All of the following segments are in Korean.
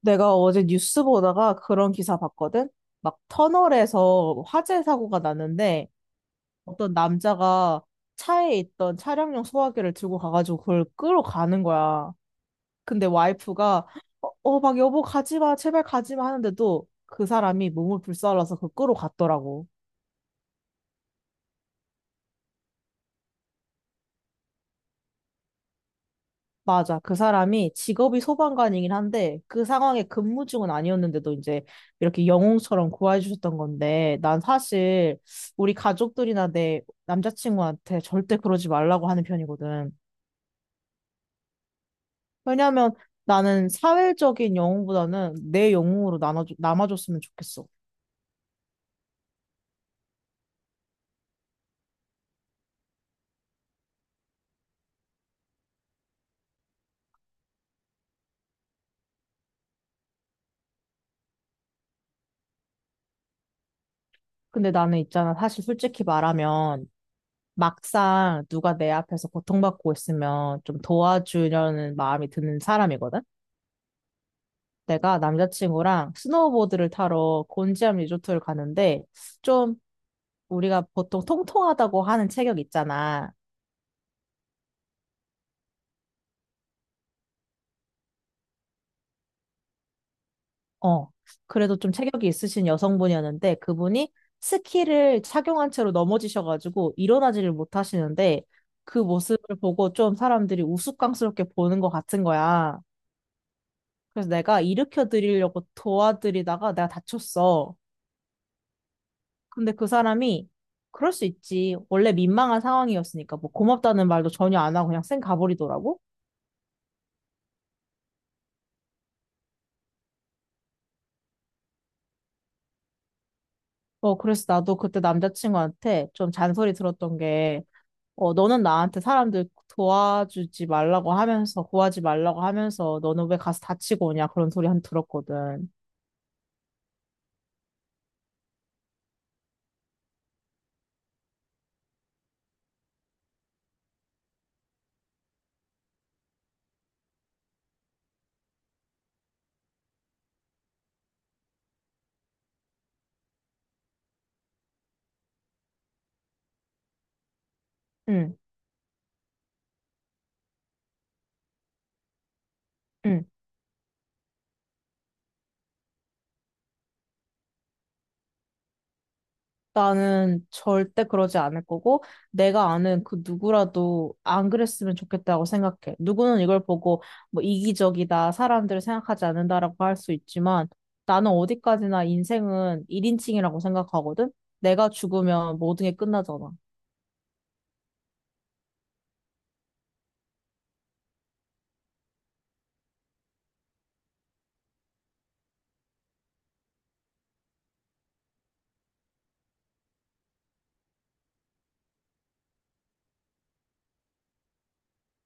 내가 어제 뉴스 보다가 그런 기사 봤거든? 막 터널에서 화재 사고가 났는데 어떤 남자가 차에 있던 차량용 소화기를 들고 가가지고 그걸 끌어 가는 거야. 근데 와이프가 막 여보 가지 마, 제발 가지 마 하는데도 그 사람이 몸을 불살라서 그걸 끌어 갔더라고. 맞아. 그 사람이 직업이 소방관이긴 한데 그 상황에 근무 중은 아니었는데도 이제 이렇게 영웅처럼 구해 주셨던 건데 난 사실 우리 가족들이나 내 남자친구한테 절대 그러지 말라고 하는 편이거든. 왜냐하면 나는 사회적인 영웅보다는 내 영웅으로 나눠 남아줬으면 좋겠어. 근데 나는 있잖아. 사실 솔직히 말하면 막상 누가 내 앞에서 고통받고 있으면 좀 도와주려는 마음이 드는 사람이거든. 내가 남자친구랑 스노우보드를 타러 곤지암 리조트를 가는데 좀 우리가 보통 통통하다고 하는 체격 있잖아. 어. 그래도 좀 체격이 있으신 여성분이었는데 그분이 스키를 착용한 채로 넘어지셔가지고 일어나지를 못하시는데 그 모습을 보고 좀 사람들이 우스꽝스럽게 보는 것 같은 거야. 그래서 내가 일으켜 드리려고 도와드리다가 내가 다쳤어. 근데 그 사람이 그럴 수 있지. 원래 민망한 상황이었으니까 뭐 고맙다는 말도 전혀 안 하고 그냥 쌩 가버리더라고. 어, 그래서 나도 그때 남자친구한테 좀 잔소리 들었던 게, 너는 나한테 사람들 도와주지 말라고 하면서, 구하지 말라고 하면서, 너는 왜 가서 다치고 오냐 그런 소리 한 들었거든. 응, 응. 나는 절대 그러지 않을 거고, 내가 아는 그 누구라도 안 그랬으면 좋겠다고 생각해. 누구는 이걸 보고 뭐 이기적이다, 사람들을 생각하지 않는다라고 할 수 있지만, 나는 어디까지나 인생은 1인칭이라고 생각하거든? 내가 죽으면 모든 게 끝나잖아.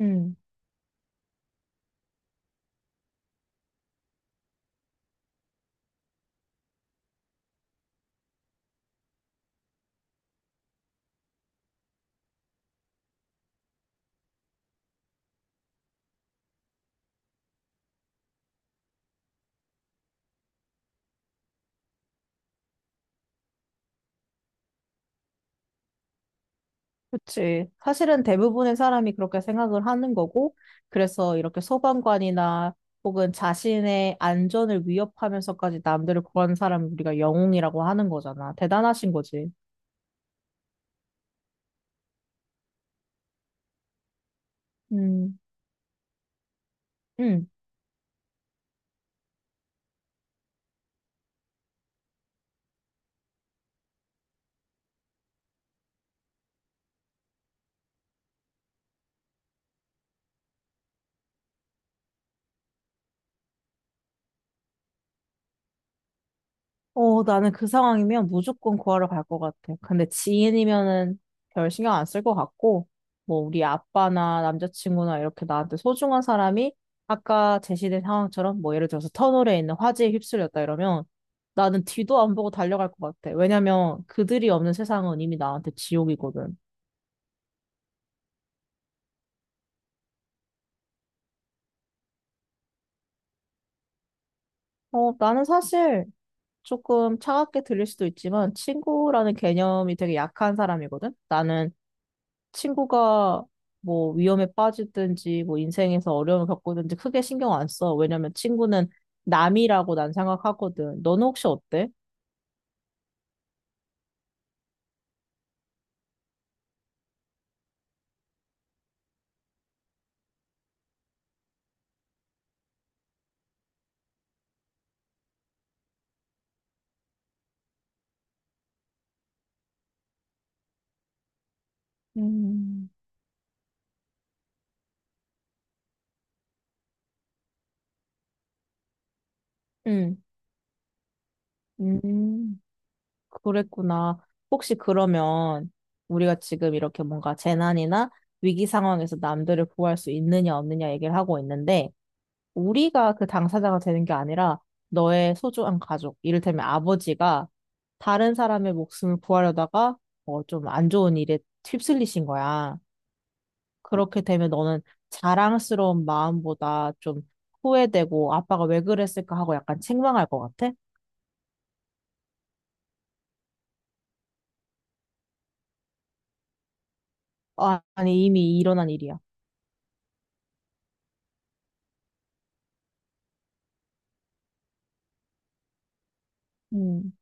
음. 그치. 사실은 대부분의 사람이 그렇게 생각을 하는 거고, 그래서 이렇게 소방관이나 혹은 자신의 안전을 위협하면서까지 남들을 구하는 사람을 우리가 영웅이라고 하는 거잖아. 대단하신 거지. 음, 음. 어, 나는 그 상황이면 무조건 구하러 갈 것 같아. 근데 지인이면은 별 신경 안 쓸 것 같고, 뭐, 우리 아빠나 남자친구나 이렇게 나한테 소중한 사람이 아까 제시된 상황처럼 뭐, 예를 들어서 터널에 있는 화재에 휩쓸렸다 이러면 나는 뒤도 안 보고 달려갈 것 같아. 왜냐면 그들이 없는 세상은 이미 나한테 지옥이거든. 어, 나는 사실 조금 차갑게 들릴 수도 있지만 친구라는 개념이 되게 약한 사람이거든. 나는 친구가 뭐 위험에 빠지든지 뭐 인생에서 어려움을 겪든지 크게 신경 안 써. 왜냐면 친구는 남이라고 난 생각하거든. 너는 혹시 어때? 음, 음, 음, 그랬구나. 혹시 그러면 우리가 지금 이렇게 뭔가 재난이나 위기 상황에서 남들을 구할 수 있느냐 없느냐 얘기를 하고 있는데 우리가 그 당사자가 되는 게 아니라 너의 소중한 가족, 이를테면 아버지가 다른 사람의 목숨을 구하려다가 좀 안 좋은 일에 휩쓸리신 거야. 그렇게 되면 너는 자랑스러운 마음보다 좀 후회되고 아빠가 왜 그랬을까 하고 약간 책망할 것 같아? 아, 아니, 이미 일어난 일이야. 음,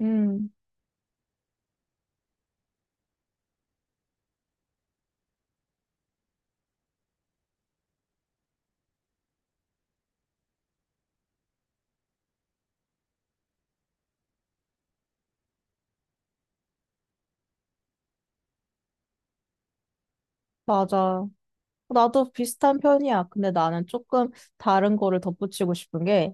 음, 맞아. 나도 비슷한 편이야. 근데 나는 조금 다른 거를 덧붙이고 싶은 게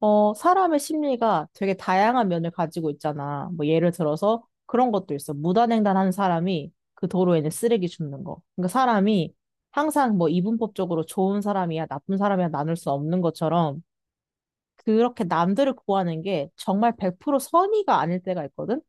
사람의 심리가 되게 다양한 면을 가지고 있잖아. 뭐 예를 들어서 그런 것도 있어. 무단횡단하는 사람이 그 도로에는 쓰레기 줍는 거. 그러니까 사람이 항상 뭐 이분법적으로 좋은 사람이야, 나쁜 사람이야 나눌 수 없는 것처럼 그렇게 남들을 구하는 게 정말 100% 선의가 아닐 때가 있거든.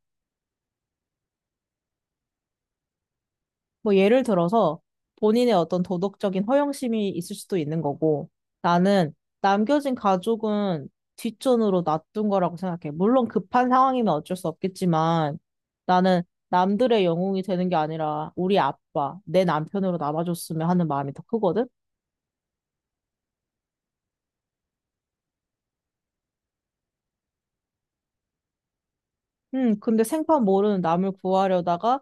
뭐 예를 들어서 본인의 어떤 도덕적인 허영심이 있을 수도 있는 거고 나는 남겨진 가족은 뒷전으로 놔둔 거라고 생각해. 물론 급한 상황이면 어쩔 수 없겠지만 나는 남들의 영웅이 되는 게 아니라 우리 아빠, 내 남편으로 남아줬으면 하는 마음이 더 크거든. 근데 생판 모르는 남을 구하려다가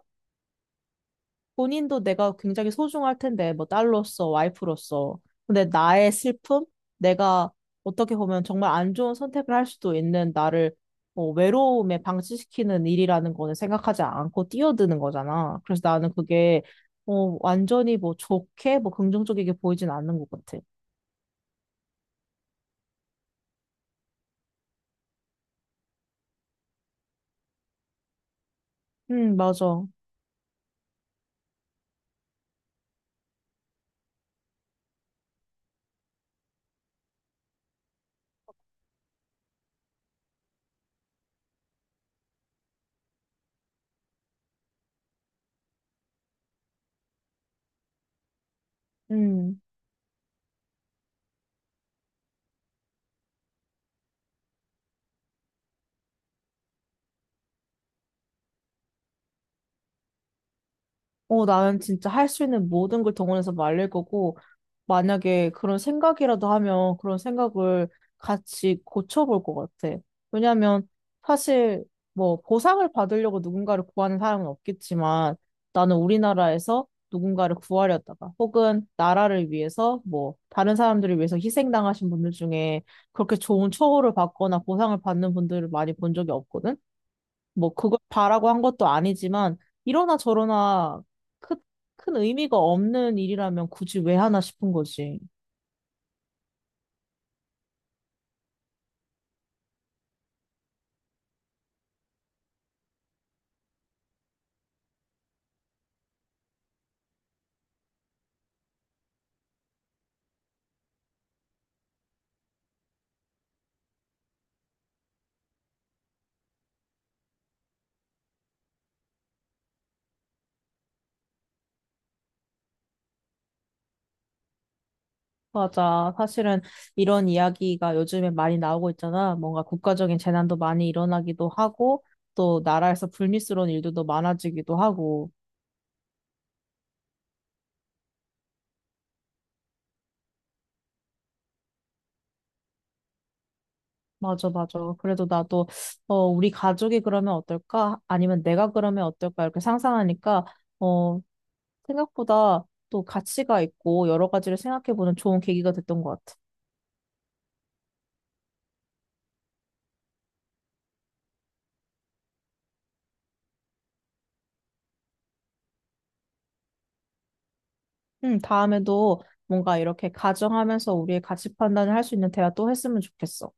본인도 내가 굉장히 소중할 텐데, 뭐 딸로서, 와이프로서. 근데 나의 슬픔? 내가 어떻게 보면 정말 안 좋은 선택을 할 수도 있는 나를 외로움에 방치시키는 일이라는 거는 생각하지 않고 뛰어드는 거잖아. 그래서 나는 그게 완전히 뭐 좋게, 뭐 긍정적이게 보이진 않는 것 같아. 맞아. 음. 어, 나는 진짜 할 수 있는 모든 걸 동원해서 말릴 거고, 만약에 그런 생각이라도 하면 그런 생각을 같이 고쳐볼 것 같아. 왜냐면 사실 뭐 보상을 받으려고 누군가를 구하는 사람은 없겠지만 나는 우리나라에서 누군가를 구하려다가 혹은 나라를 위해서 뭐 다른 사람들을 위해서 희생당하신 분들 중에 그렇게 좋은 처우를 받거나 보상을 받는 분들을 많이 본 적이 없거든. 뭐 그걸 바라고 한 것도 아니지만 이러나 저러나 크, 큰 의미가 없는 일이라면 굳이 왜 하나 싶은 거지. 맞아. 사실은 이런 이야기가 요즘에 많이 나오고 있잖아. 뭔가 국가적인 재난도 많이 일어나기도 하고 또 나라에서 불미스러운 일들도 많아지기도 하고. 맞아, 맞아. 그래도 나도 어 우리 가족이 그러면 어떨까? 아니면 내가 그러면 어떨까? 이렇게 상상하니까 어 생각보다 또 가치가 있고 여러 가지를 생각해보는 좋은 계기가 됐던 것 같아. 응, 다음에도 뭔가 이렇게 가정하면서 우리의 가치 판단을 할 수 있는 대화 또 했으면 좋겠어.